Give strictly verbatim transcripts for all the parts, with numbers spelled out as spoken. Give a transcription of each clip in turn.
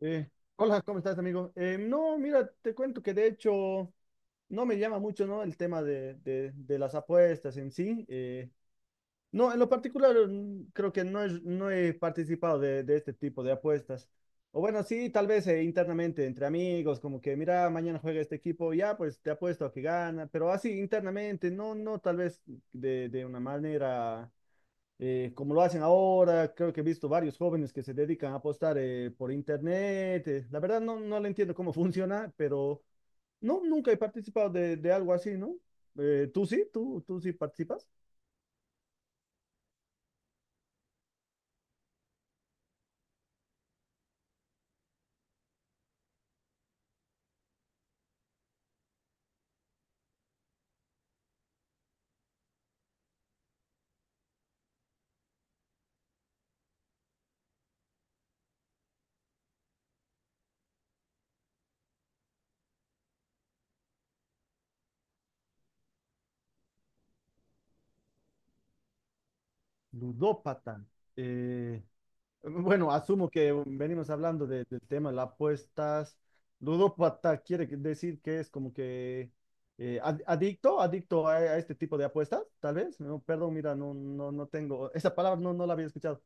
Eh, Hola, ¿cómo estás, amigo? Eh, no, mira, te cuento que de hecho no me llama mucho, ¿no? El tema de, de- de las apuestas en sí. Eh, no, en lo particular mm, creo que no, es- no he participado de, de este tipo de apuestas. O bueno, sí, tal vez eh, internamente entre amigos, como que mira, mañana juega este equipo, ya, pues te apuesto a que gana, pero así internamente, no, no tal vez de, de una manera eh, como lo hacen ahora, creo que he visto varios jóvenes que se dedican a apostar eh, por internet. Eh, la verdad no, no le entiendo cómo funciona, pero no, nunca he participado de, de algo así, ¿no? Eh, ¿tú sí? ¿Tú, tú sí participas? Ludópata. eh, bueno, asumo que venimos hablando de- del tema de las apuestas. Ludópata quiere que- decir que es como que eh, ad- adicto, adicto a, a este tipo de apuestas, tal vez. No, perdón, mira, no, no, no tengo, esa palabra no, no la había escuchado.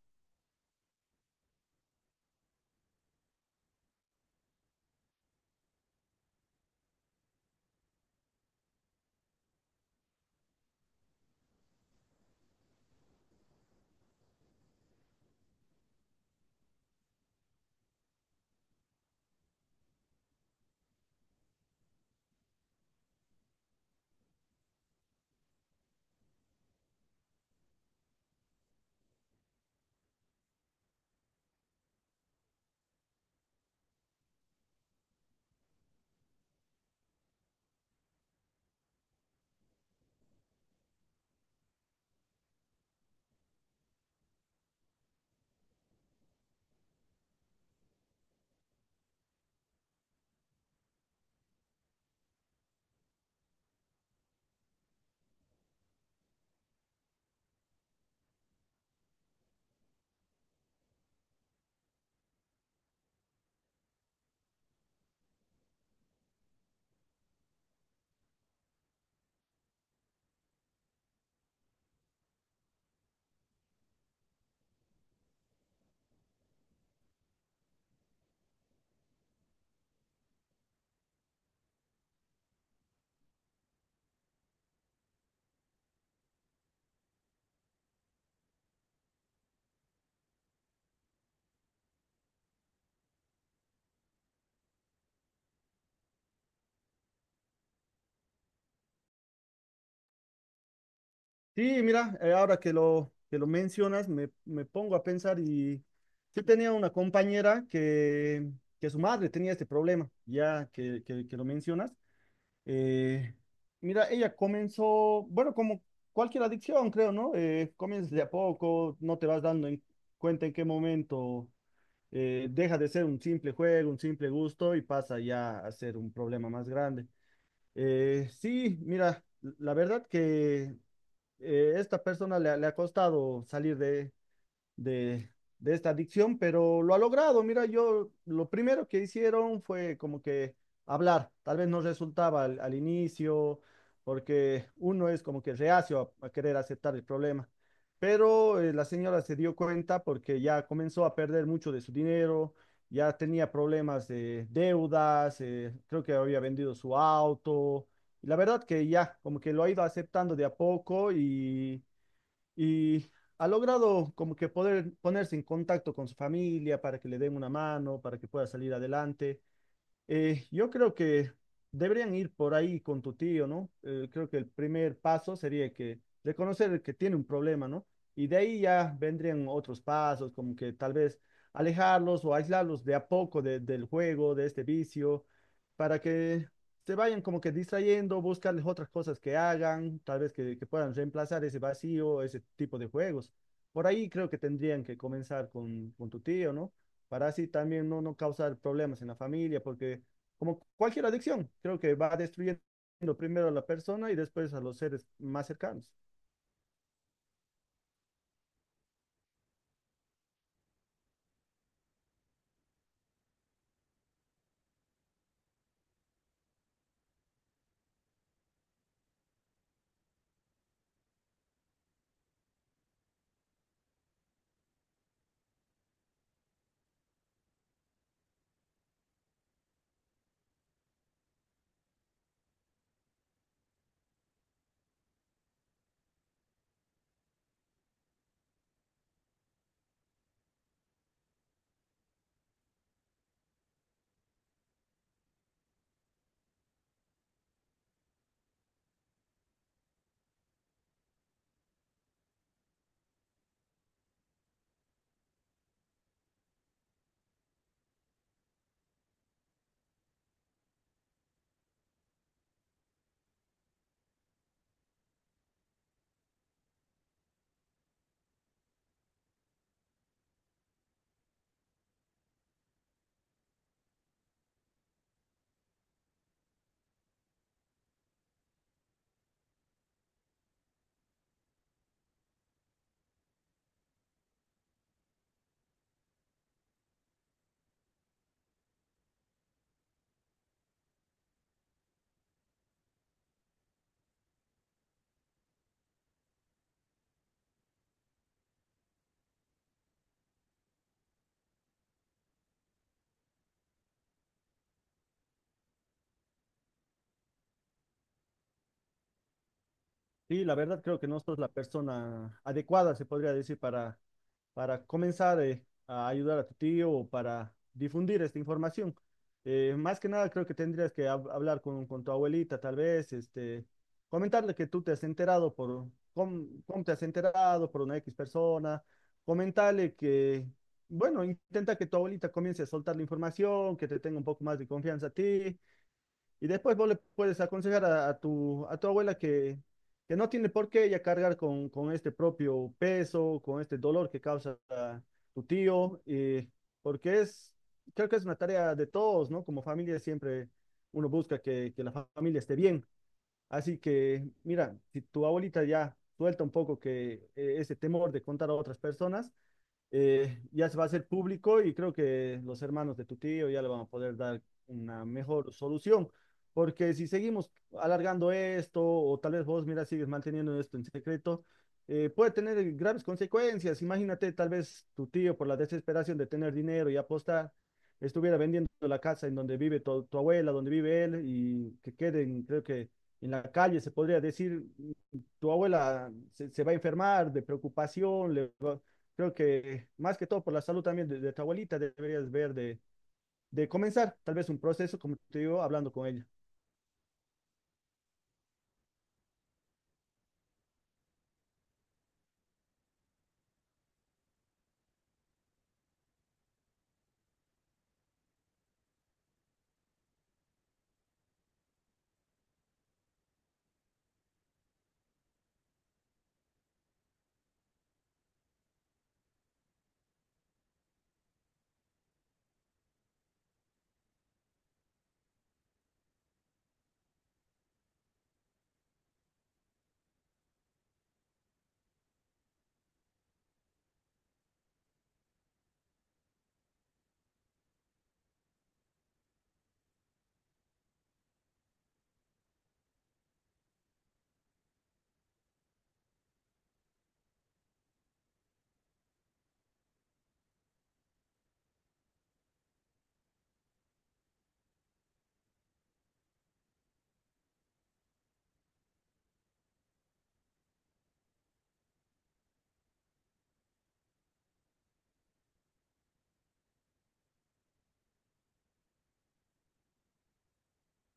Sí, mira, eh, ahora que lo, que lo mencionas, me, me pongo a pensar y sí tenía una compañera que, que su madre tenía este problema, ya que, que, que lo mencionas. Eh, Mira, ella comenzó, bueno, como cualquier adicción, creo, ¿no? Eh, comienzas de a poco, no te vas dando en cuenta en qué momento eh, deja de ser un simple juego, un simple gusto y pasa ya a ser un problema más grande. Eh, sí, mira, la verdad que eh, esta persona le, ha le ha costado salir de, de, de esta adicción, pero lo ha logrado. Mira, yo lo primero que hicieron fue como que hablar. Tal vez no resultaba al, al inicio, porque uno es como que reacio a, a querer aceptar el problema. Pero eh, la señora se dio cuenta porque ya comenzó a perder mucho de su dinero, ya tenía problemas de deudas, eh, creo que había vendido su auto. Y la verdad que ya como que lo ha ido aceptando de a poco y y ha logrado como que poder ponerse en contacto con su familia para que le den una mano, para que pueda salir adelante. Eh, yo creo que deberían ir por ahí con tu tío, ¿no? Eh, creo que el primer paso sería que reconocer que tiene un problema, ¿no? Y de ahí ya vendrían otros pasos, como que tal vez alejarlos o aislarlos de a poco de- del juego, de este vicio, para que se vayan como que distrayendo, buscarles otras cosas que hagan, tal vez que, que puedan reemplazar ese vacío, ese tipo de juegos. Por ahí creo que tendrían que comenzar con, con tu tío, ¿no? Para así también no, no causar problemas en la familia, porque como cualquier adicción, creo que va destruyendo primero a la persona y después a los seres más cercanos. Sí, la verdad creo que no sos la persona adecuada, se podría decir, para para comenzar eh, a ayudar a tu tío o para difundir esta información. Eh, más que nada, creo que tendrías que hab- hablar con, con tu abuelita, tal vez, este, comentarle que tú te has enterado por, cómo, cómo te has enterado por una X persona, comentarle que, bueno, intenta que tu abuelita comience a soltar la información, que te tenga un poco más de confianza a ti, y después vos le puedes aconsejar a, a tu, a tu abuela que, que no tiene por qué ella cargar con, con este propio peso, con este dolor que causa ah, tu tío, eh, porque es, creo que es una tarea de todos, ¿no? Como familia siempre uno busca que, que la fa- familia esté bien. Así que, mira, si tu abuelita ya suelta un poco que eh, ese temor de contar a otras personas, eh, ya se va a hacer público y creo que los hermanos de tu tío ya le van a poder dar una mejor solución, porque si seguimos alargando esto o tal vez vos, mira, sigues manteniendo esto en secreto, eh, puede tener graves consecuencias. Imagínate, tal vez tu tío por la desesperación de tener dinero y apostar, estuviera vendiendo la casa en donde vive tu, tu abuela, donde vive él y que queden, creo que... En la calle se podría decir, tu abuela se, se va a enfermar de preocupación, le creo que más que todo por la salud también de, de tu abuelita deberías ver de, de comenzar tal vez un proceso, como te digo, hablando con ella.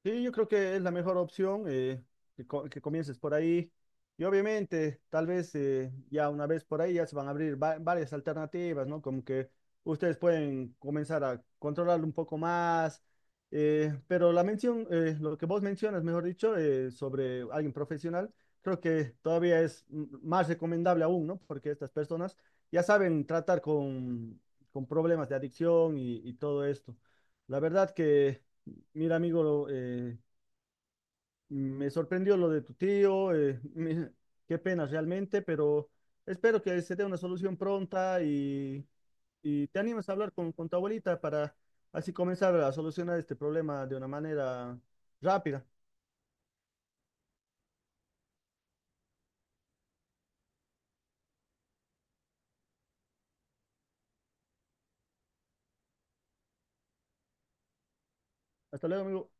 Sí, yo creo que es la mejor opción eh, que, co- que comiences por ahí. Y obviamente, tal vez eh, ya una vez por ahí ya se van a abrir va- varias alternativas, ¿no? Como que ustedes pueden comenzar a controlarlo un poco más. Eh, pero la mención, eh, lo que vos mencionas, mejor dicho, eh, sobre alguien profesional, creo que todavía es mm, más recomendable aún, ¿no? Porque estas personas ya saben tratar con, con problemas de adicción y y todo esto. La verdad que... Mira, amigo, eh, me sorprendió lo de tu tío, eh, me- qué pena realmente, pero espero que se dé una solución pronta y, y te animes a hablar con, con tu abuelita para así comenzar a solucionar este problema de una manera rápida. Hasta luego, amigo.